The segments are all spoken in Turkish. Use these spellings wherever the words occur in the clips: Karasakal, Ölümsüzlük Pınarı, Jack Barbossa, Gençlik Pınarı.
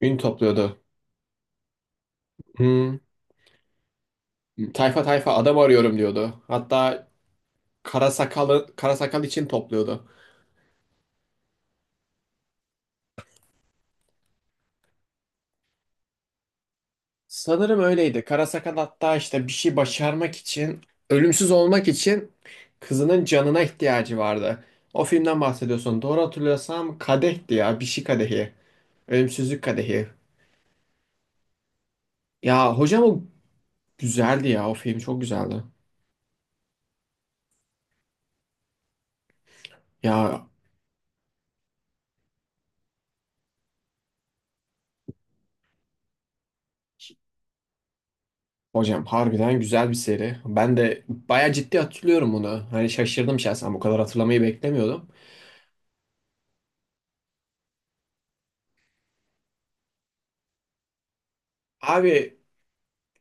Ün topluyordu. Hmm. Tayfa tayfa adam arıyorum diyordu. Hatta kara sakal için topluyordu. Sanırım öyleydi. Kara sakal hatta işte bir şey başarmak için, ölümsüz olmak için kızının canına ihtiyacı vardı. O filmden bahsediyorsun. Doğru hatırlıyorsam kadehti ya. Bir şey kadehi. Ölümsüzlük kadehi. Ya hocam o güzeldi ya. O film çok güzeldi. Ya hocam harbiden güzel bir seri. Ben de bayağı ciddi hatırlıyorum bunu. Hani şaşırdım şahsen bu kadar hatırlamayı beklemiyordum. Abi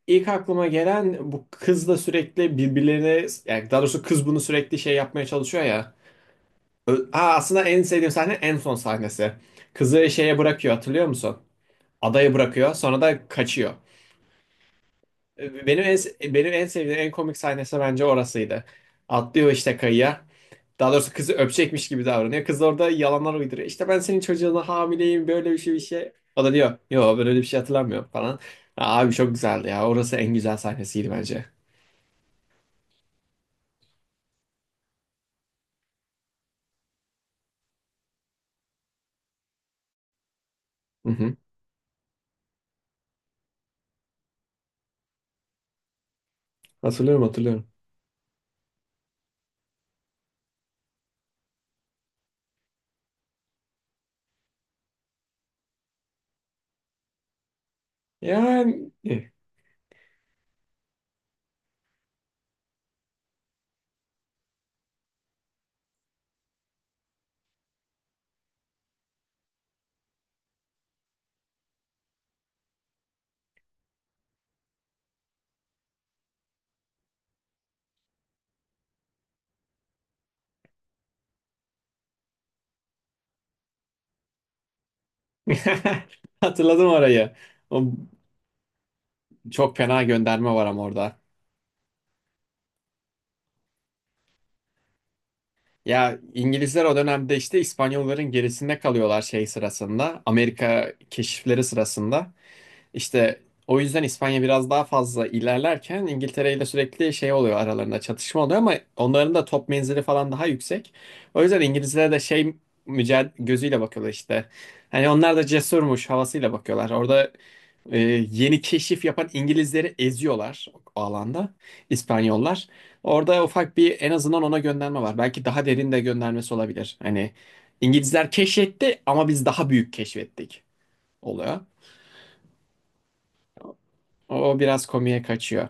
ilk aklıma gelen bu kızla sürekli birbirlerine yani daha doğrusu kız bunu sürekli şey yapmaya çalışıyor ya. Aa, aslında en sevdiğim sahne en son sahnesi. Kızı şeye bırakıyor hatırlıyor musun? Adaya bırakıyor sonra da kaçıyor. Benim en, benim en sevdiğim en komik sahnesi bence orasıydı. Atlıyor işte kayaya. Daha doğrusu kızı öpecekmiş gibi davranıyor. Kız orada yalanlar uyduruyor. İşte ben senin çocuğuna hamileyim böyle bir şey. O da diyor yo böyle bir şey hatırlamıyorum falan. Abi çok güzeldi ya. Orası en güzel sahnesiydi bence. Hı hı. Hatırlıyorum hatırlıyorum. Yani hatırladım orayı. O çok fena gönderme var ama orada. Ya İngilizler o dönemde işte İspanyolların gerisinde kalıyorlar şey sırasında. Amerika keşifleri sırasında. İşte o yüzden İspanya biraz daha fazla ilerlerken İngiltere ile sürekli şey oluyor aralarında çatışma oluyor ama onların da top menzili falan daha yüksek. O yüzden İngilizlere de şey mücadele gözüyle bakıyorlar işte. Hani onlar da cesurmuş havasıyla bakıyorlar. Orada e, yeni keşif yapan İngilizleri eziyorlar o alanda İspanyollar. Orada ufak bir en azından ona gönderme var. Belki daha derin de göndermesi olabilir. Hani İngilizler keşfetti ama biz daha büyük keşfettik oluyor. O o biraz komiğe kaçıyor.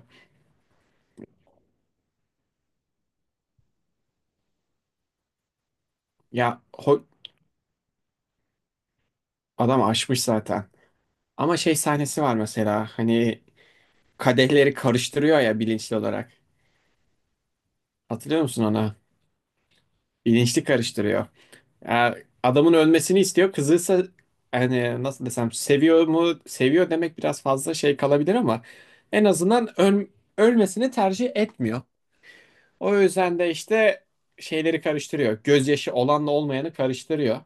Ya adam aşmış zaten. Ama şey sahnesi var mesela hani kadehleri karıştırıyor ya bilinçli olarak. Hatırlıyor musun ona? Bilinçli karıştırıyor. Ya adamın ölmesini istiyor. Kızı ise hani nasıl desem seviyor mu? Seviyor demek biraz fazla şey kalabilir ama en azından ölmesini tercih etmiyor. O yüzden de işte şeyleri karıştırıyor. Gözyaşı olanla olmayanı karıştırıyor.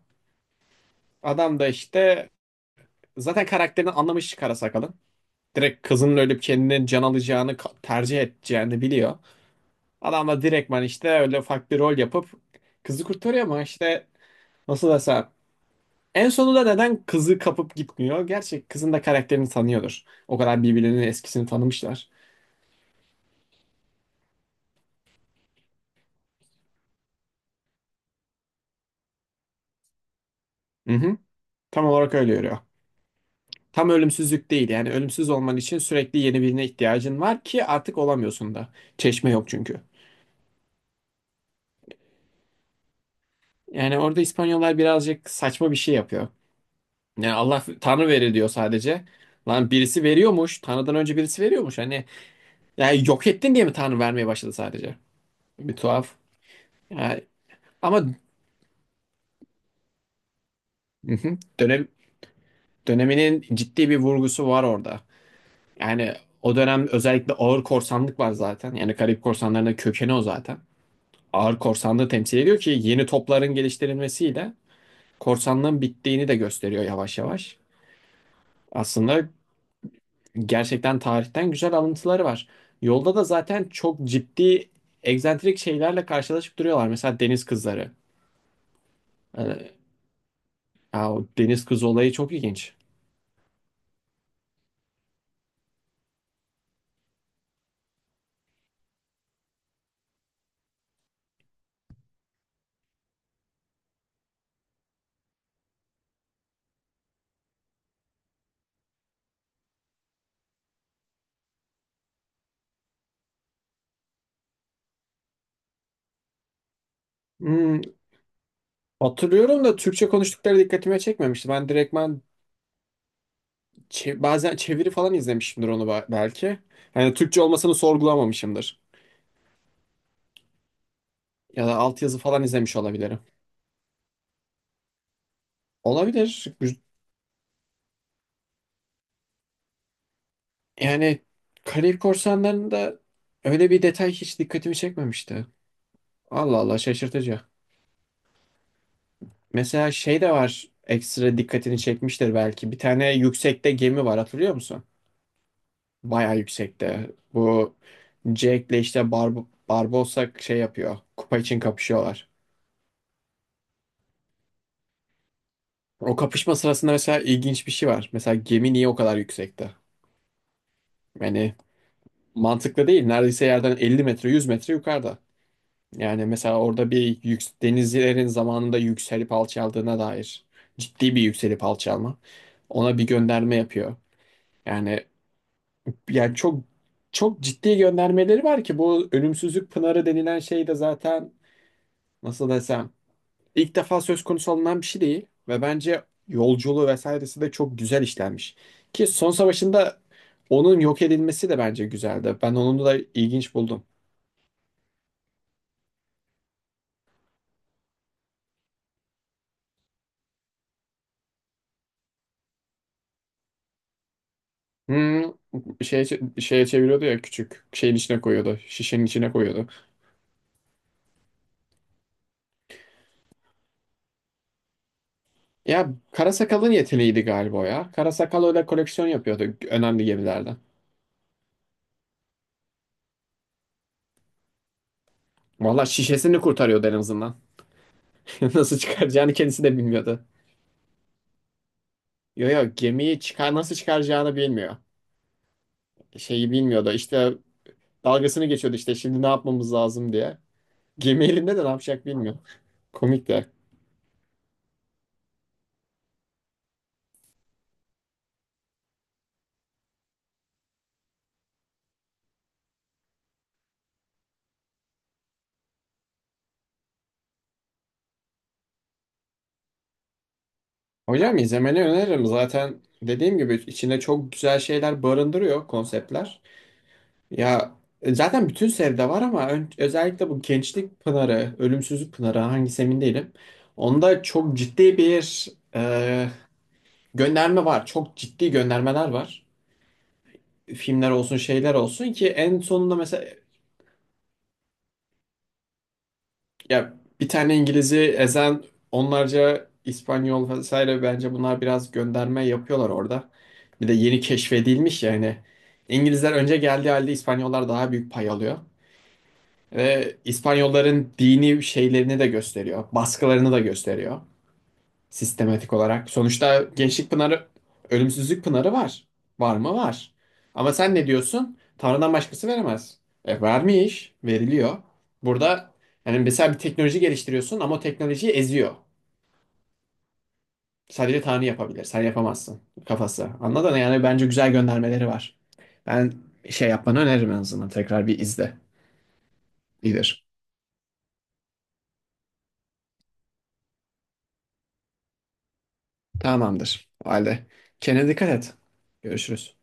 Adam da işte zaten karakterini anlamış kara sakalın. Direkt kızının ölüp kendini can alacağını tercih edeceğini biliyor. Adam da direktman işte öyle ufak bir rol yapıp kızı kurtarıyor ama işte nasıl desem en sonunda neden kızı kapıp gitmiyor? Gerçi kızın da karakterini tanıyordur. O kadar birbirlerinin eskisini tanımışlar. Hı hı. Tam olarak öyle yürüyor. Tam ölümsüzlük değil yani ölümsüz olman için sürekli yeni birine ihtiyacın var ki artık olamıyorsun da. Çeşme yok çünkü. Yani orada İspanyollar birazcık saçma bir şey yapıyor. Yani Allah Tanrı verir diyor sadece. Lan birisi veriyormuş. Tanrı'dan önce birisi veriyormuş. Hani yani yok ettin diye mi Tanrı vermeye başladı sadece? Bir tuhaf. Yani, ama hı hı, döneminin ciddi bir vurgusu var orada. Yani o dönem özellikle ağır korsanlık var zaten. Yani Karayip korsanlarının kökeni o zaten. Ağır korsanlığı temsil ediyor ki yeni topların geliştirilmesiyle korsanlığın bittiğini de gösteriyor yavaş yavaş. Aslında gerçekten tarihten güzel alıntıları var. Yolda da zaten çok ciddi egzantrik şeylerle karşılaşıp duruyorlar. Mesela deniz kızları. Ee, Ya o deniz kızı olayı çok ilginç. Hmm, Hatırlıyorum da Türkçe konuştukları dikkatime çekmemişti. Ben direktmen bazen çeviri falan izlemişimdir onu belki. Yani Türkçe olmasını sorgulamamışımdır. Ya da altyazı falan izlemiş olabilirim. Olabilir. Yani Karayip Korsanları'nda öyle bir detay hiç dikkatimi çekmemişti. Allah Allah şaşırtıcı. Mesela şey de var ekstra dikkatini çekmiştir belki. Bir tane yüksekte gemi var hatırlıyor musun? Bayağı yüksekte. Bu Jack'le işte Barbossa şey yapıyor. Kupa için kapışıyorlar. O kapışma sırasında mesela ilginç bir şey var. Mesela gemi niye o kadar yüksekte? Yani mantıklı değil. Neredeyse yerden 50 metre 100 metre yukarıda. Yani mesela orada bir yük denizcilerin zamanında yükselip alçaldığına dair ciddi bir yükselip alçalma. Ona bir gönderme yapıyor. Yani yani çok çok ciddi göndermeleri var ki bu ölümsüzlük pınarı denilen şey de zaten nasıl desem ilk defa söz konusu alınan bir şey değil ve bence yolculuğu vesairesi de çok güzel işlenmiş. Ki son savaşında onun yok edilmesi de bence güzeldi. Ben onu da ilginç buldum. Hmm, şey Şeye çeviriyordu ya küçük şeyin içine koyuyordu. Şişenin içine koyuyordu. Ya Karasakal'ın yeteneğiydi galiba o ya. Karasakal öyle koleksiyon yapıyordu önemli gemilerden. Valla şişesini kurtarıyordu en azından. Nasıl çıkaracağını kendisi de bilmiyordu. Yo yo gemiyi çıkar nasıl çıkaracağını bilmiyor. Şeyi bilmiyordu. İşte dalgasını geçiyordu işte şimdi ne yapmamız lazım diye. Gemi elinde de ne yapacak bilmiyor. Komik de. Hocam izlemeni öneririm. Zaten dediğim gibi içinde çok güzel şeyler barındırıyor konseptler. Ya zaten bütün seride var ama özellikle bu Gençlik Pınarı, Ölümsüzlük Pınarı hangisi emin değilim. Onda çok ciddi bir e, gönderme var. Çok ciddi göndermeler var. Filmler olsun şeyler olsun ki en sonunda mesela ya bir tane İngiliz'i ezen onlarca İspanyol vesaire bence bunlar biraz gönderme yapıyorlar orada. Bir de yeni keşfedilmiş yani. İngilizler önce geldiği halde İspanyollar daha büyük pay alıyor. Ve İspanyolların dini şeylerini de gösteriyor. Baskılarını da gösteriyor. Sistematik olarak. Sonuçta Gençlik Pınarı, Ölümsüzlük Pınarı var. Var mı? Var. Ama sen ne diyorsun? Tanrı'dan başkası veremez. E, vermiş, veriliyor. Burada yani mesela bir teknoloji geliştiriyorsun ama o teknolojiyi eziyor. Sadece Tanrı yapabilir. Sen yapamazsın kafası. Anladın mı? Yani bence güzel göndermeleri var. Ben şey yapmanı öneririm en azından. Tekrar bir izle. İyidir. Tamamdır. O halde. Kendine dikkat et. Görüşürüz.